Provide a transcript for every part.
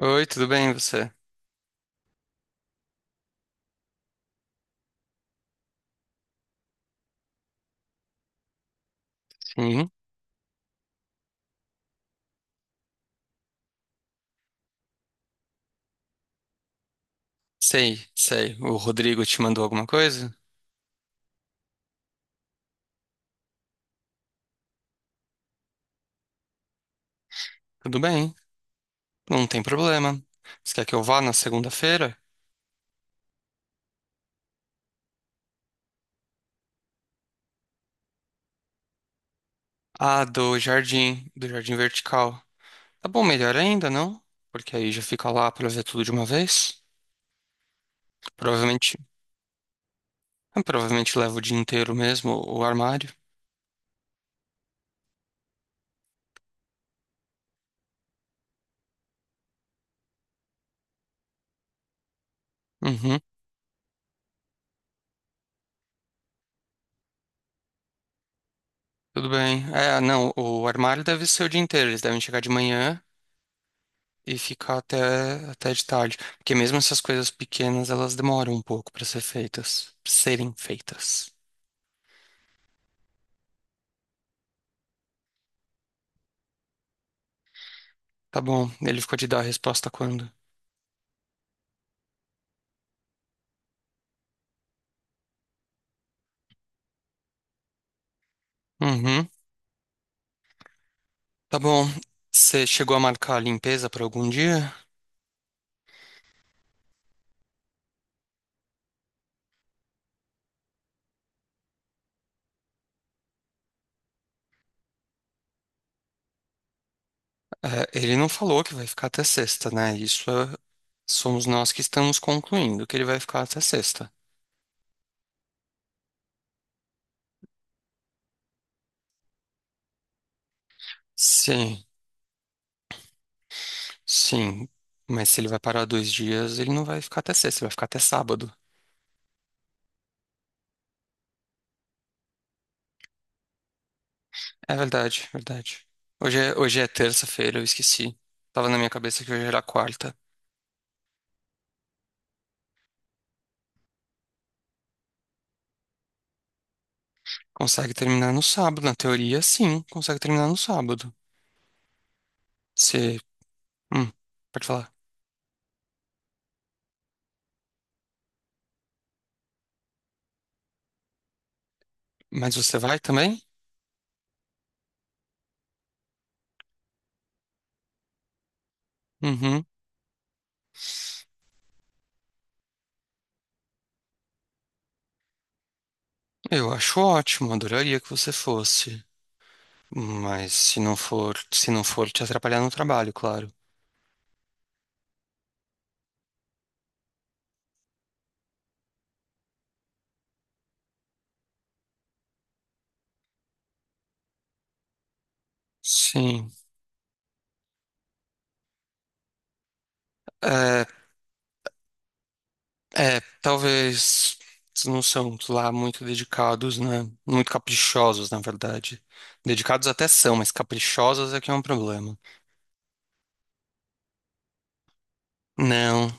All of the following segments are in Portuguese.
Oi, tudo bem você? Sim, sei. O Rodrigo te mandou alguma coisa? Tudo bem, não tem problema. Você quer que eu vá na segunda-feira? Ah, do jardim vertical. Tá bom, melhor ainda, não? Porque aí já fica lá pra ver tudo de uma vez. Provavelmente, provavelmente leva o dia inteiro mesmo, o armário. Uhum, tudo bem. É, não, o armário deve ser o dia inteiro. Eles devem chegar de manhã e ficar até de tarde. Porque mesmo essas coisas pequenas, elas demoram um pouco para ser feitas, pra serem feitas. Tá bom, ele ficou de dar a resposta quando? Uhum, tá bom. Você chegou a marcar a limpeza para algum dia? É, ele não falou que vai ficar até sexta, né? Somos nós que estamos concluindo que ele vai ficar até sexta. Sim, sim. Mas se ele vai parar dois dias, ele não vai ficar até sexta, ele vai ficar até sábado. É verdade, verdade. Hoje é terça-feira, eu esqueci. Tava na minha cabeça que hoje era quarta. Consegue terminar no sábado, na teoria, sim, consegue terminar no sábado. Você. Hum, pode falar. Mas você vai também? Uhum. Eu acho ótimo, adoraria que você fosse. Mas se não for te atrapalhar no trabalho, claro. Sim. É, talvez eles não são lá muito dedicados, né? Muito caprichosos, na verdade. Dedicados até são, mas caprichosos é que é um problema. Não.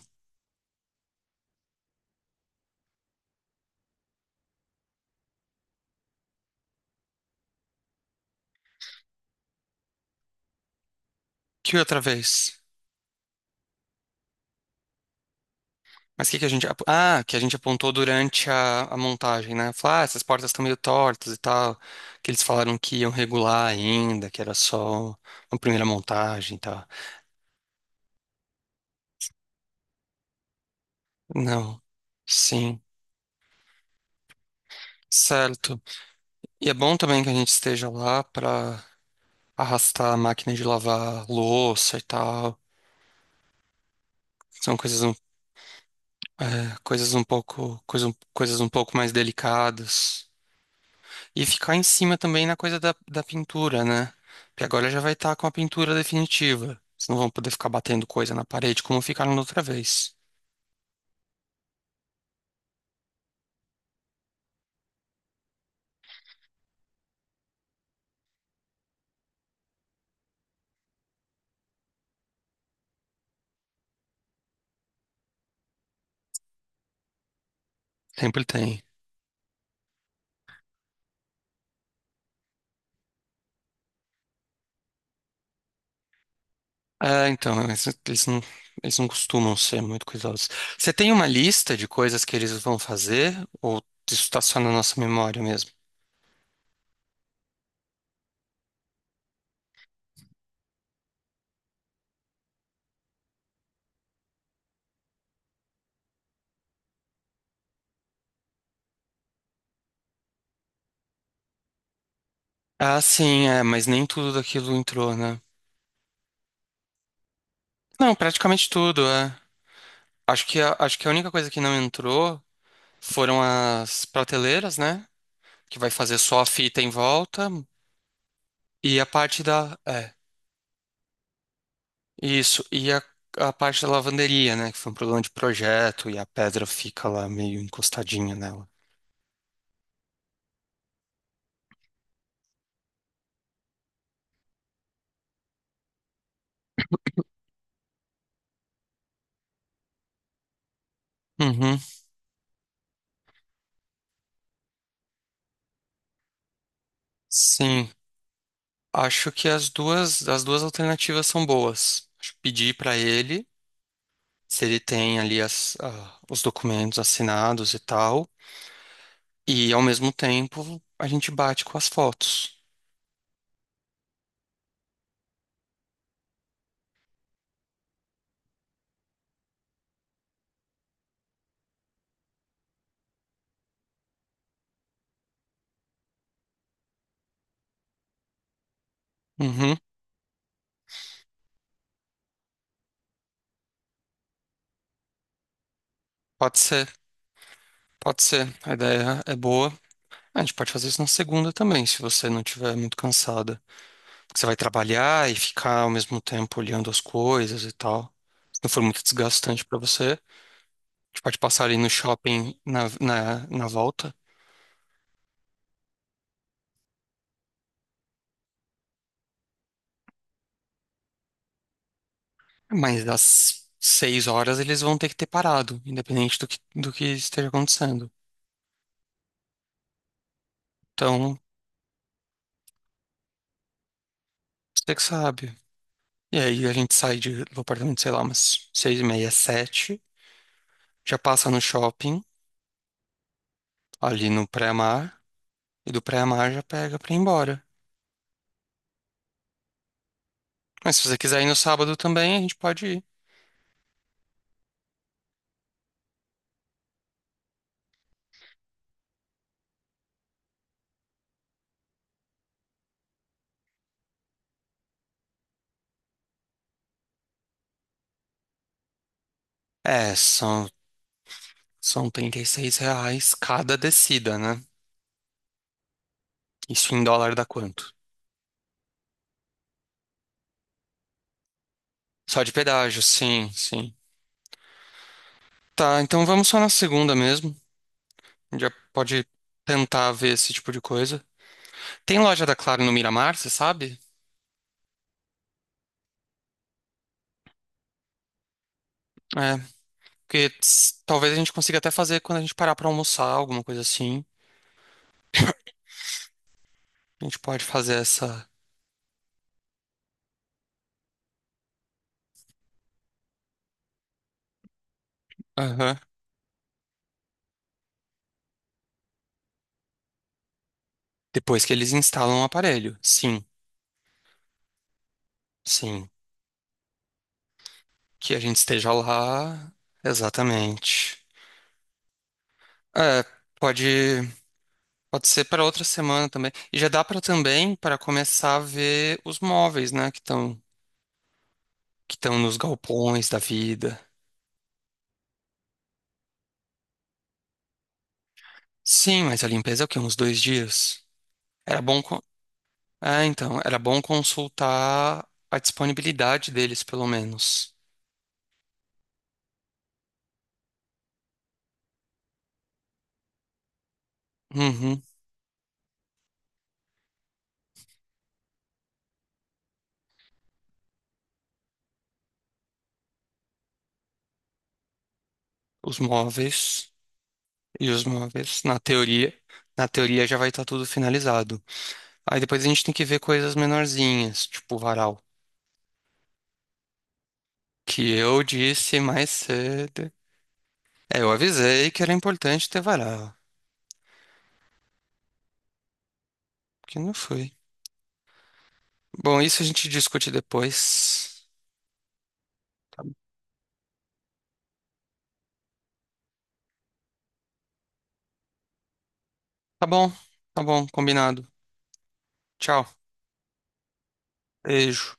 Que outra vez? Mas o que que a gente... ap- ah, que a gente apontou durante a montagem, né? Falar, ah, essas portas estão meio tortas e tal. Que eles falaram que iam regular ainda, que era só uma primeira montagem e tal. Não. Sim. Certo. E é bom também que a gente esteja lá para arrastar a máquina de lavar louça e tal. São coisas, um- É, coisas um pouco mais delicadas. E ficar em cima também na coisa da pintura, né? Porque agora já vai estar com a pintura definitiva. Vocês não vão poder ficar batendo coisa na parede como ficaram da outra vez. Sempre tem. É, então, eles não costumam ser muito cuidadosos. Você tem uma lista de coisas que eles vão fazer? Ou isso está só na nossa memória mesmo? Ah, sim, é, mas nem tudo daquilo entrou, né? Não, praticamente tudo, é. Acho que a única coisa que não entrou foram as prateleiras, né? Que vai fazer só a fita em volta e a parte da, é, isso, e a parte da lavanderia, né? Que foi um problema de projeto e a pedra fica lá meio encostadinha nela. Uhum. Sim, acho que as duas alternativas são boas. Acho que pedir para ele se ele tem ali os documentos assinados e tal. E ao mesmo tempo a gente bate com as fotos. Uhum, pode ser, pode ser. A ideia é boa. A gente pode fazer isso na segunda também, se você não estiver muito cansada. Porque você vai trabalhar e ficar ao mesmo tempo olhando as coisas e tal. Se não for muito desgastante para você, a gente pode passar ali no shopping na volta. Mas às seis horas eles vão ter que ter parado, independente do que esteja acontecendo. Então, você que sabe. E aí a gente sai do apartamento, sei lá, umas seis e meia, sete, já passa no shopping, ali no pré-mar, e do pré-mar já pega pra ir embora. Mas se você quiser ir no sábado também, a gente pode ir. É, são, são R$ 36 cada descida, né? Isso em dólar dá quanto? Só de pedágio, sim, sim. Tá, então vamos só na segunda mesmo. Já pode tentar ver esse tipo de coisa. Tem loja da Claro no Miramar, você sabe? É. Porque talvez a gente consiga até fazer quando a gente parar pra almoçar, alguma coisa assim. A gente pode fazer essa. Aham. Depois que eles instalam o aparelho. Sim, sim. Que a gente esteja lá. Exatamente. É, pode, pode ser para outra semana também. E já dá para também para começar a ver os móveis, né, que estão nos galpões da vida. Sim, mas a limpeza é o quê? Uns dois dias. Era bom co- Ah, então, era bom consultar a disponibilidade deles, pelo menos. Uhum. Os móveis os móveis, na teoria já vai estar tudo finalizado. Aí depois a gente tem que ver coisas menorzinhas, tipo o varal, que eu disse mais cedo. É, eu avisei que era importante ter varal, que não foi. Bom, isso a gente discute depois. Tá bom, tá bom, combinado. Tchau. Beijo.